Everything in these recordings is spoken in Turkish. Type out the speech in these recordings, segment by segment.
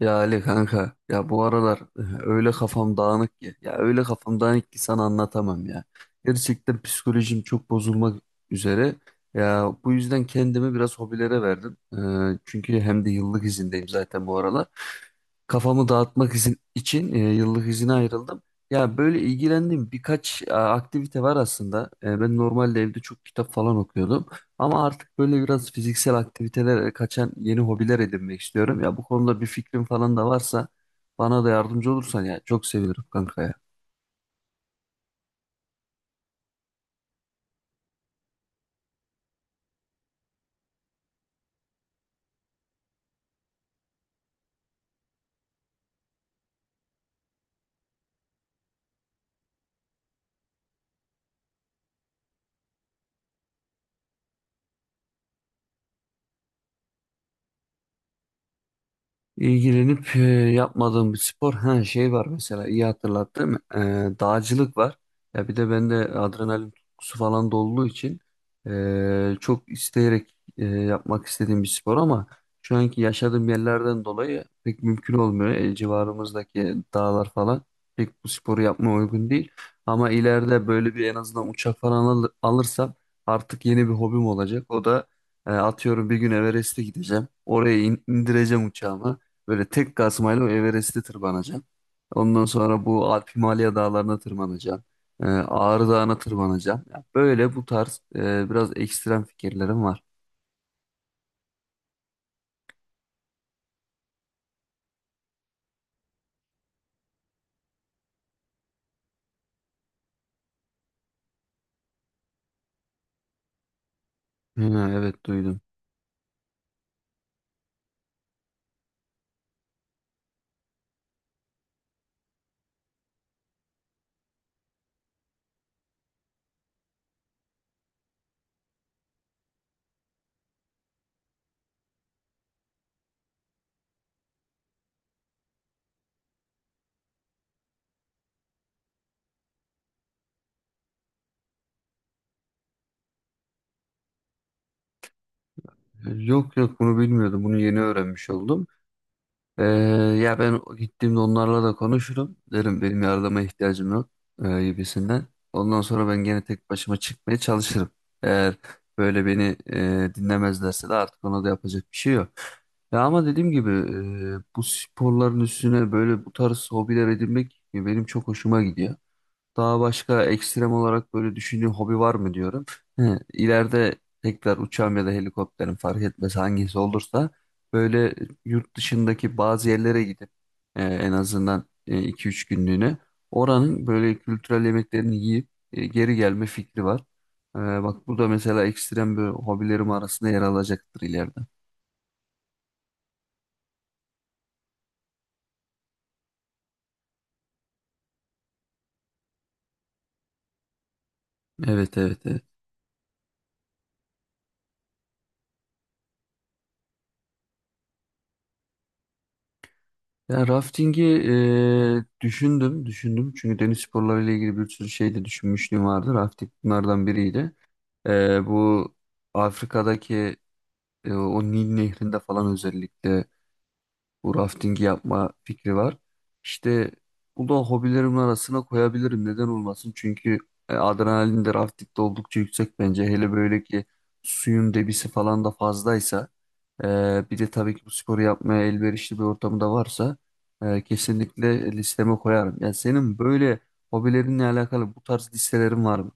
Ya Ali kanka ya bu aralar öyle kafam dağınık ki ya öyle kafam dağınık ki sana anlatamam ya. Gerçekten psikolojim çok bozulmak üzere. Ya bu yüzden kendimi biraz hobilere verdim. Çünkü hem de yıllık izindeyim zaten bu aralar. Kafamı dağıtmak için yıllık izine ayrıldım. Ya böyle ilgilendiğim birkaç aktivite var aslında. Ben normalde evde çok kitap falan okuyordum. Ama artık böyle biraz fiziksel aktivitelere kaçan yeni hobiler edinmek istiyorum. Ya bu konuda bir fikrin falan da varsa bana da yardımcı olursan ya çok sevinirim kanka ya. İlgilenip yapmadığım bir spor ha, şey var mesela, iyi hatırlattım. Dağcılık var ya, bir de bende adrenalin tutkusu falan da olduğu için çok isteyerek yapmak istediğim bir spor, ama şu anki yaşadığım yerlerden dolayı pek mümkün olmuyor. Civarımızdaki dağlar falan pek bu sporu yapmaya uygun değil, ama ileride böyle bir en azından uçak falan alırsam artık yeni bir hobim olacak. O da atıyorum bir gün Everest'e gideceğim, oraya indireceğim uçağımı. Böyle tek kazmayla Everest'i tırmanacaksın. Ondan sonra bu Alp Himalaya dağlarına tırmanacaksın. Ağrı Dağı'na tırmanacaksın. Ya böyle bu tarz biraz ekstrem fikirlerim var. Ha, evet, duydum. Yok, yok, bunu bilmiyordum. Bunu yeni öğrenmiş oldum. Ee, Ya ben gittiğimde onlarla da konuşurum. Derim benim yardıma ihtiyacım yok gibisinden. Ondan sonra ben gene tek başıma çıkmaya çalışırım. Eğer böyle beni dinlemezlerse de artık ona da yapacak bir şey yok. Ya ama dediğim gibi bu sporların üstüne böyle bu tarz hobiler edinmek benim çok hoşuma gidiyor. Daha başka ekstrem olarak böyle düşündüğün hobi var mı diyorum. He, ileride tekrar uçağım ya da helikopterim fark etmez, hangisi olursa böyle yurt dışındaki bazı yerlere gidip en azından iki üç günlüğüne oranın böyle kültürel yemeklerini yiyip geri gelme fikri var. Bak, bu da mesela ekstrem bir hobilerim arasında yer alacaktır ileride. Evet, evet. Evet. Ya raftingi düşündüm, düşündüm. Çünkü deniz sporlarıyla ilgili bir sürü şey de düşünmüşlüğüm vardı. Rafting bunlardan biriydi. Bu Afrika'daki o Nil Nehri'nde falan özellikle bu raftingi yapma fikri var. İşte bu da hobilerimin arasına koyabilirim. Neden olmasın? Çünkü adrenalin de raftingde oldukça yüksek bence. Hele böyle ki suyun debisi falan da fazlaysa. Bir de tabii ki bu sporu yapmaya elverişli bir ortamı da varsa kesinlikle listeme koyarım. Ya senin böyle hobilerinle alakalı bu tarz listelerin var mı?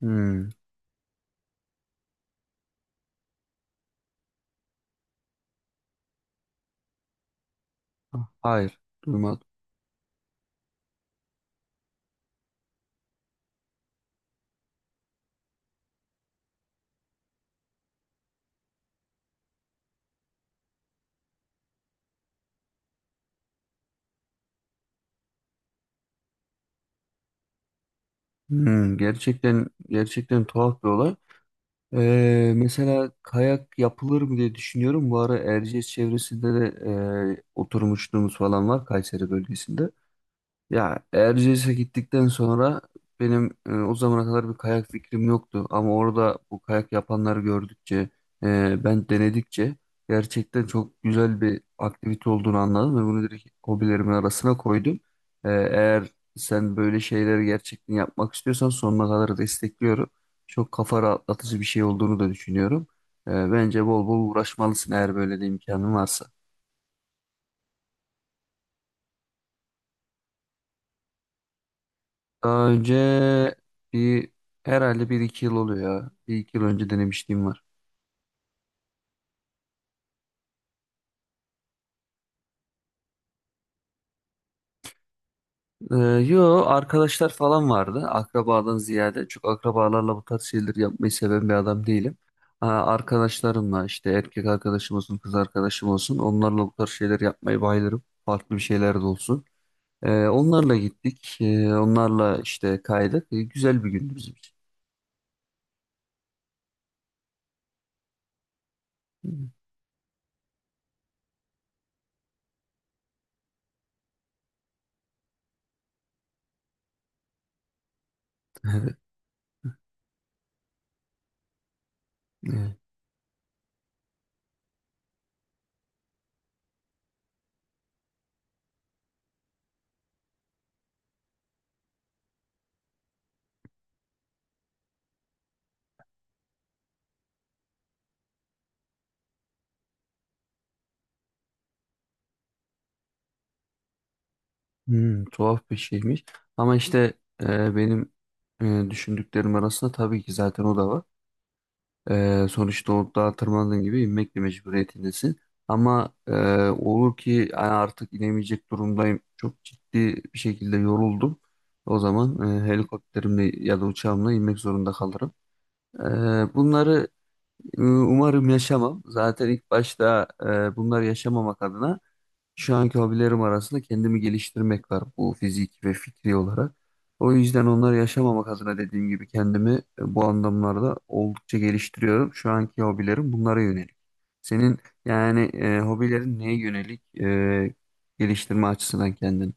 Hmm. Ah, hayır, duymadım. Hmm, gerçekten, gerçekten tuhaf bir olay. Mesela kayak yapılır mı diye düşünüyorum. Bu ara Erciyes çevresinde de oturmuşluğumuz falan var Kayseri bölgesinde. Ya Erciyes'e gittikten sonra benim o zamana kadar bir kayak fikrim yoktu. Ama orada bu kayak yapanları gördükçe, ben denedikçe gerçekten çok güzel bir aktivite olduğunu anladım ve bunu direkt hobilerimin arasına koydum. Eğer sen böyle şeyleri gerçekten yapmak istiyorsan sonuna kadar destekliyorum. Çok kafa rahatlatıcı bir şey olduğunu da düşünüyorum. Bence bol bol uğraşmalısın, eğer böyle bir imkanın varsa. Daha önce bir, herhalde bir iki yıl oluyor ya. Bir iki yıl önce denemişliğim var. Ee, Yo, arkadaşlar falan vardı. Akrabadan ziyade, çok akrabalarla bu tarz şeyleri yapmayı seven bir adam değilim. Ha, arkadaşlarımla, işte erkek arkadaşım olsun, kız arkadaşım olsun, onlarla bu tarz şeyler yapmayı bayılırım. Farklı bir şeyler de olsun. Onlarla gittik. Onlarla işte kaydık. Güzel bir gündü bizim için. Evet. Hmm, tuhaf bir şeymiş. Ama işte benim düşündüklerim arasında tabii ki zaten o da var. Sonuçta o dağa tırmandığın gibi inmek de mecburiyetindesin. Ama olur ki yani artık inemeyecek durumdayım. Çok ciddi bir şekilde yoruldum. O zaman helikopterimle ya da uçağımla inmek zorunda kalırım. Bunları umarım yaşamam. Zaten ilk başta bunları yaşamamak adına şu anki hobilerim arasında kendimi geliştirmek var, bu fiziki ve fikri olarak. O yüzden onları yaşamamak adına dediğim gibi kendimi bu anlamlarda oldukça geliştiriyorum. Şu anki hobilerim bunlara yönelik. Senin yani hobilerin neye yönelik geliştirme açısından kendini?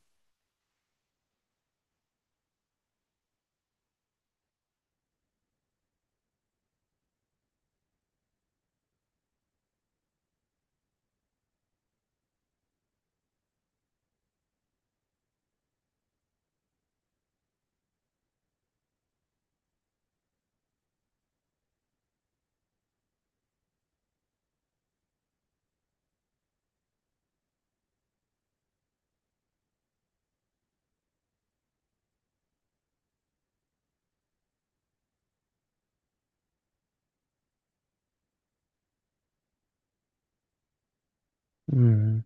Hmm.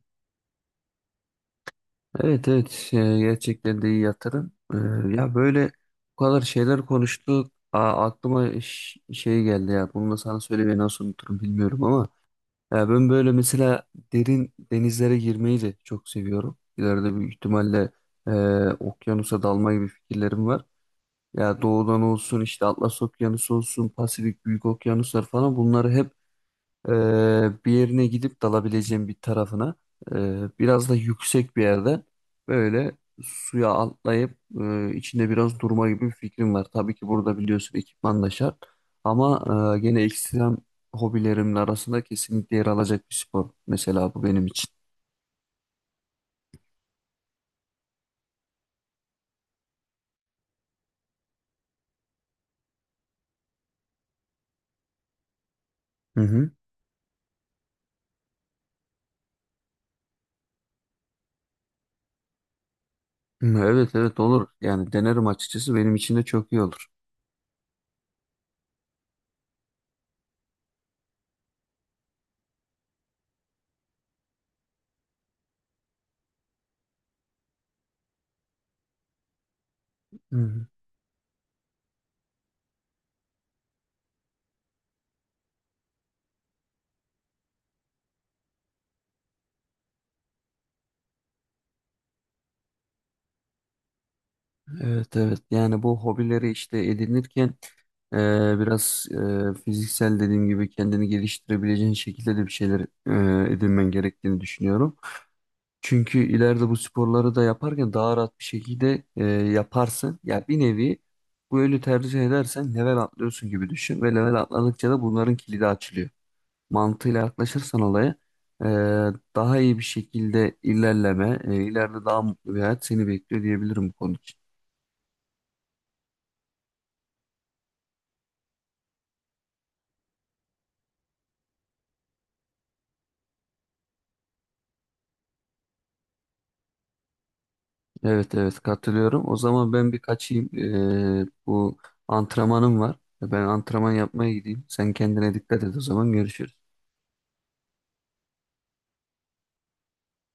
Evet, evet, gerçekten de iyi yatırım. Ya böyle bu kadar şeyler konuştuk. Aa, aklıma şey geldi ya. Bunu da sana söylemeyi nasıl unuturum bilmiyorum, ama. Ya ben böyle mesela derin denizlere girmeyi de çok seviyorum. İleride büyük ihtimalle e, okyanusa dalma gibi fikirlerim var. Ya doğudan olsun, işte Atlas Okyanusu olsun, Pasifik Büyük Okyanuslar falan, bunları hep bir yerine gidip dalabileceğim bir tarafına e, biraz da yüksek bir yerde böyle suya atlayıp içinde biraz durma gibi bir fikrim var. Tabii ki burada biliyorsun, ekipman da şart, ama gene ekstrem hobilerimin arasında kesinlikle yer alacak bir spor. Mesela bu benim için. Hı hı. Evet, evet, olur. Yani denerim açıkçası, benim için de çok iyi olur. Hı hı. Evet, evet, yani bu hobileri işte edinirken e, biraz fiziksel dediğim gibi kendini geliştirebileceğin şekilde de bir şeyler edinmen gerektiğini düşünüyorum. Çünkü ileride bu sporları da yaparken daha rahat bir şekilde yaparsın. Ya bir nevi, bu yönü tercih edersen level atlıyorsun gibi düşün, ve level atladıkça da bunların kilidi açılıyor. Mantığıyla yaklaşırsan olaya, e, daha iyi bir şekilde ilerleme, ileride daha mutlu bir hayat seni bekliyor diyebilirim bu konu için. Evet, evet, katılıyorum. O zaman ben bir kaçayım. Bu antrenmanım var. Ben antrenman yapmaya gideyim. Sen kendine dikkat et, o zaman görüşürüz.